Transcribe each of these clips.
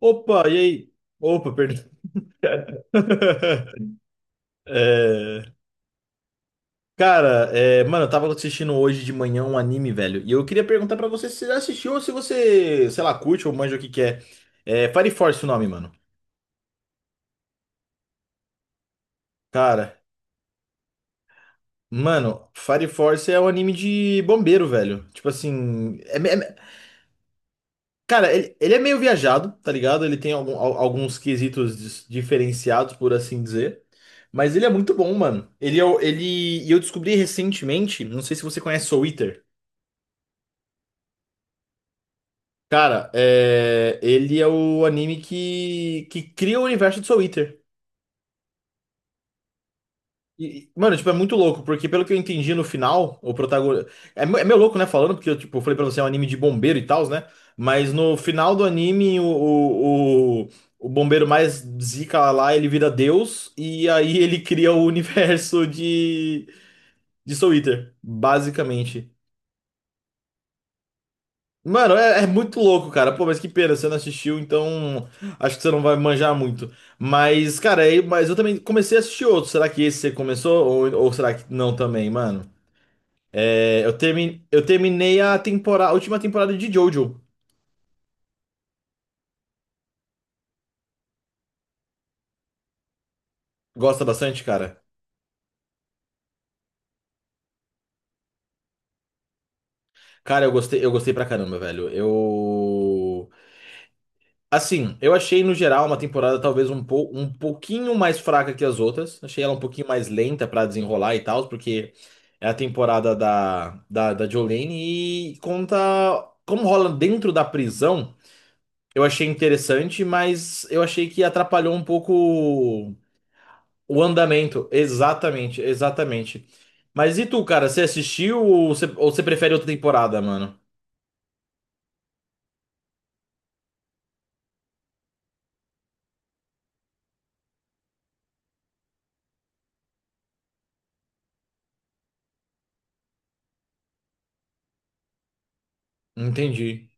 Opa, e aí? Opa, perdão. É, cara, mano, eu tava assistindo hoje de manhã um anime, velho. E eu queria perguntar pra você se você já assistiu ou se você, sei lá, curte ou manja o que que é. É Fire Force o nome, mano. Cara, mano, Fire Force é um anime de bombeiro, velho. Tipo assim, é, cara, ele é meio viajado, tá ligado? Ele tem alguns quesitos diferenciados, por assim dizer. Mas ele é muito bom, mano. Ele, é ele, e eu descobri recentemente, não sei se você conhece Soul Eater. Cara, é, ele é o anime que cria o universo de Soul Eater. E, mano, tipo, é muito louco, porque pelo que eu entendi no final, o protagonista. É, é meio louco, né? Falando, porque eu, tipo, falei pra você, é um anime de bombeiro e tal, né? Mas no final do anime, o bombeiro mais zica lá, ele vira Deus, e aí ele cria o universo de Soul Eater, basicamente. Mano, é muito louco, cara. Pô, mas que pena, você não assistiu, então acho que você não vai manjar muito. Mas, cara, aí, mas eu também comecei a assistir outro. Será que esse você começou? Ou será que não também, mano? É, eu, eu terminei a temporada, a última temporada de Jojo. Gosta bastante, cara? Cara, eu gostei pra caramba, velho. Eu. Assim, eu achei no geral uma temporada talvez um pouquinho mais fraca que as outras. Achei ela um pouquinho mais lenta pra desenrolar e tal, porque é a temporada da Jolene e conta como rola dentro da prisão. Eu achei interessante, mas eu achei que atrapalhou um pouco o andamento, exatamente. Mas e tu, cara, você assistiu ou você prefere outra temporada, mano? Entendi.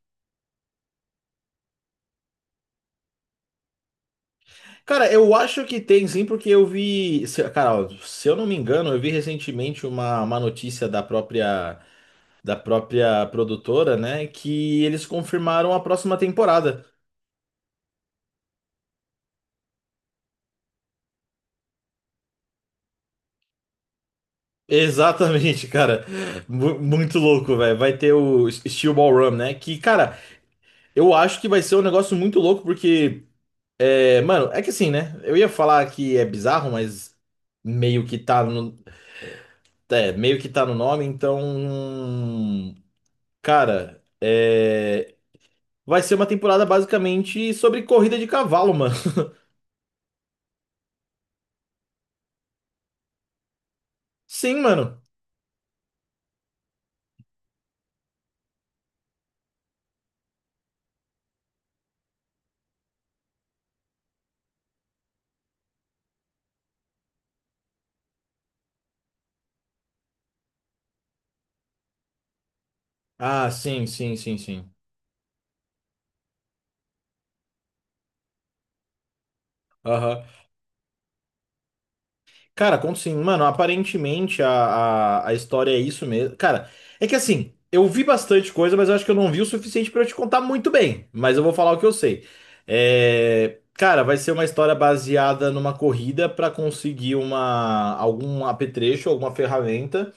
Cara, eu acho que tem sim, porque eu vi. Cara, ó, se eu não me engano, eu vi recentemente uma notícia da própria produtora, né? Que eles confirmaram a próxima temporada. Exatamente, cara. Muito louco, velho. Vai ter o Steel Ball Run, né? Que, cara, eu acho que vai ser um negócio muito louco, porque. É, mano, é que assim, né? Eu ia falar que é bizarro, mas meio que tá no, é, meio que tá no nome, então, cara, é, vai ser uma temporada basicamente sobre corrida de cavalo, mano. Sim, mano. Ah, sim, sim, sim, sim. Aham. Cara, conto sim. Mano, aparentemente a história é isso mesmo. Cara, é que assim, eu vi bastante coisa, mas eu acho que eu não vi o suficiente pra eu te contar muito bem. Mas eu vou falar o que eu sei. É, cara, vai ser uma história baseada numa corrida pra conseguir uma, algum apetrecho, alguma ferramenta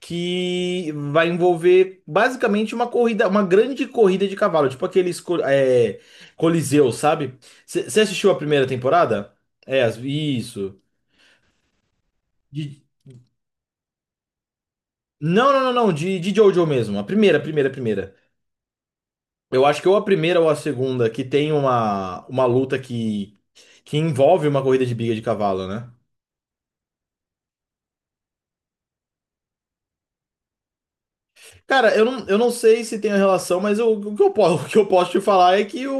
que vai envolver basicamente uma corrida, uma grande corrida de cavalo, tipo aqueles é, Coliseu, sabe? Você assistiu a primeira temporada? É, isso. Não, não, não, não, de Jojo mesmo. A primeira. Eu acho que ou a primeira ou a segunda, que tem uma luta que envolve uma corrida de briga de cavalo, né? Cara, eu não sei se tem relação, mas eu- o que eu, po- o que eu posso te falar é que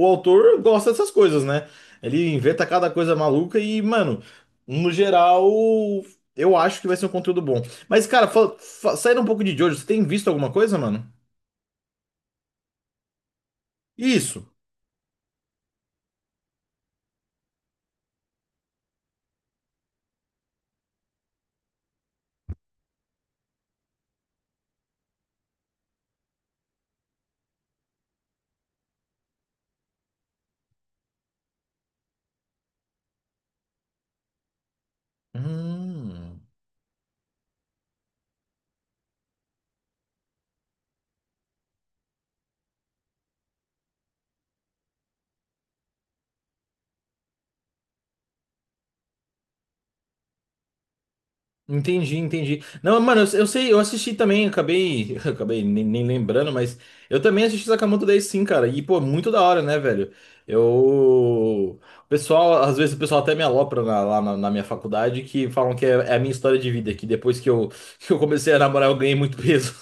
o autor gosta dessas coisas, né? Ele inventa cada coisa maluca e, mano, no geral, eu acho que vai ser um conteúdo bom. Mas, cara, saindo um pouco de Jojo, você tem visto alguma coisa, mano? Isso. Hum. Entendi, entendi. Não, mano, eu sei, eu assisti também, acabei, acabei nem lembrando, mas eu também assisti Sakamoto Days sim, cara. E, pô, muito da hora, né, velho? Eu. O pessoal, às vezes o pessoal até me alopra lá na minha faculdade que falam que é a minha história de vida, que depois que eu, que eu comecei a namorar eu ganhei muito peso.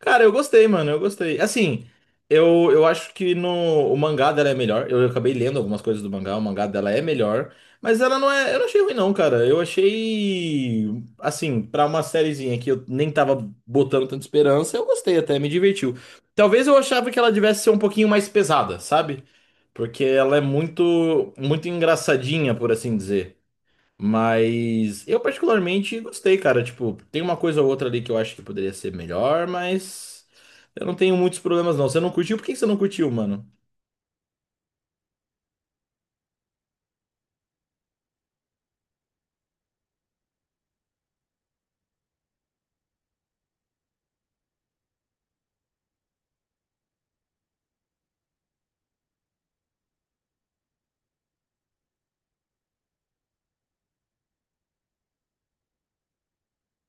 Cara, eu gostei, mano, eu gostei. Assim, eu acho que no, o mangá dela é melhor. Eu acabei lendo algumas coisas do mangá, o mangá dela é melhor. Mas ela não é. Eu não achei ruim, não, cara. Eu achei. Assim, pra uma sériezinha que eu nem tava botando tanta esperança, eu gostei até, me divertiu. Talvez eu achava que ela devesse ser um pouquinho mais pesada, sabe? Porque ela é muito engraçadinha, por assim dizer. Mas eu particularmente gostei, cara. Tipo, tem uma coisa ou outra ali que eu acho que poderia ser melhor, mas eu não tenho muitos problemas, não. Você não curtiu? Por que que você não curtiu, mano?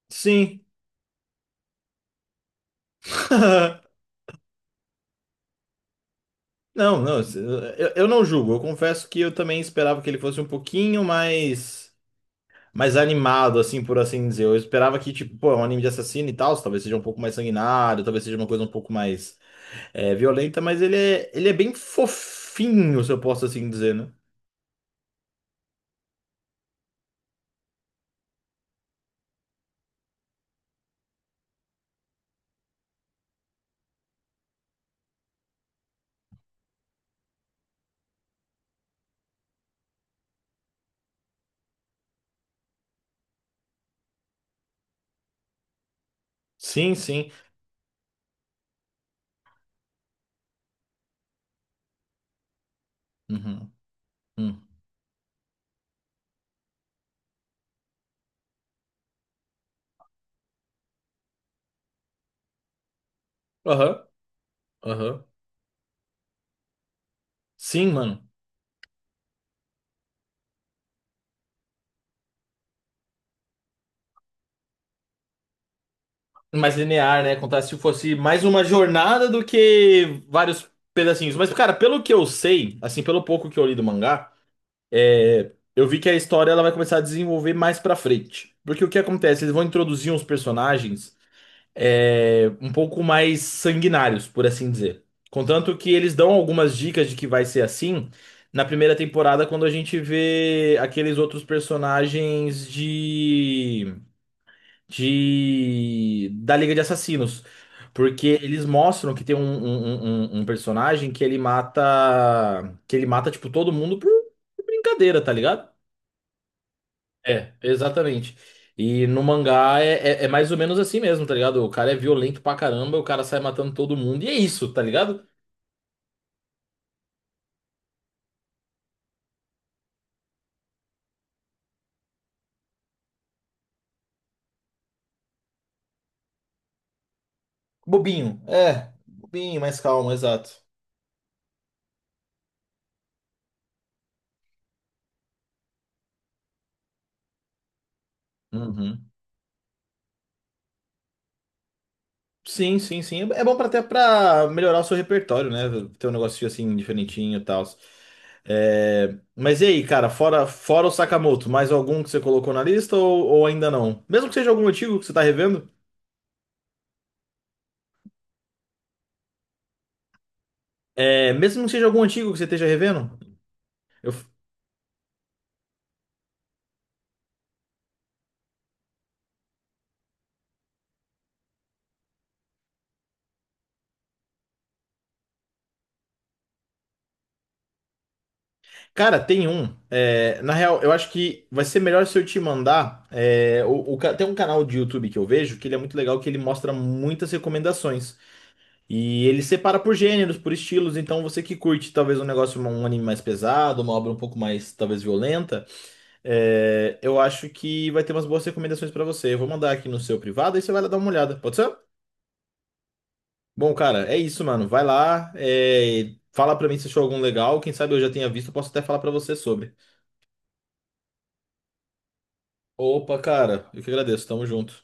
Sim. Não, não, eu não julgo. Eu confesso que eu também esperava que ele fosse um pouquinho mais, mais animado, assim, por assim dizer. Eu esperava que, tipo, pô, é um anime de assassino e tal, talvez seja um pouco mais sanguinário, talvez seja uma coisa um pouco mais é, violenta, mas ele é bem fofinho, se eu posso assim dizer, né? Sim, sim. Uhum, uhum. Aham, aham. Sim, mano. Mais linear, né? Contar se fosse mais uma jornada do que vários pedacinhos. Mas, cara, pelo que eu sei, assim, pelo pouco que eu li do mangá, é, eu vi que a história ela vai começar a desenvolver mais pra frente. Porque o que acontece? Eles vão introduzir uns personagens é, um pouco mais sanguinários, por assim dizer. Contanto que eles dão algumas dicas de que vai ser assim na primeira temporada, quando a gente vê aqueles outros personagens de. De da Liga de Assassinos, porque eles mostram que tem um personagem que ele mata tipo todo mundo por brincadeira, tá ligado? É, exatamente. E no mangá é mais ou menos assim mesmo, tá ligado? O cara é violento pra caramba, o cara sai matando todo mundo e é isso, tá ligado? Bobinho, é, bobinho, mais calmo, exato. Uhum. Sim, sim, sim. É bom pra até pra melhorar o seu repertório, né? Ter um negocinho assim diferentinho e tal. É, mas e aí, cara, fora o Sakamoto, mais algum que você colocou na lista ou ainda não? Mesmo que seja algum antigo que você tá revendo? É, mesmo que seja algum antigo que você esteja revendo? Eu- Cara, tem um. É, na real, eu acho que vai ser melhor se eu te mandar. É, tem um canal de YouTube que eu vejo que ele é muito legal, que ele mostra muitas recomendações. E ele separa por gêneros, por estilos, então você que curte talvez um negócio, um anime mais pesado, uma obra um pouco mais talvez violenta, é, eu acho que vai ter umas boas recomendações pra você. Eu vou mandar aqui no seu privado e você vai lá dar uma olhada, pode ser? Bom, cara, é isso, mano. Vai lá, é, fala pra mim se achou algum legal. Quem sabe eu já tenha visto, eu posso até falar pra você sobre. Opa, cara, eu que agradeço, tamo junto.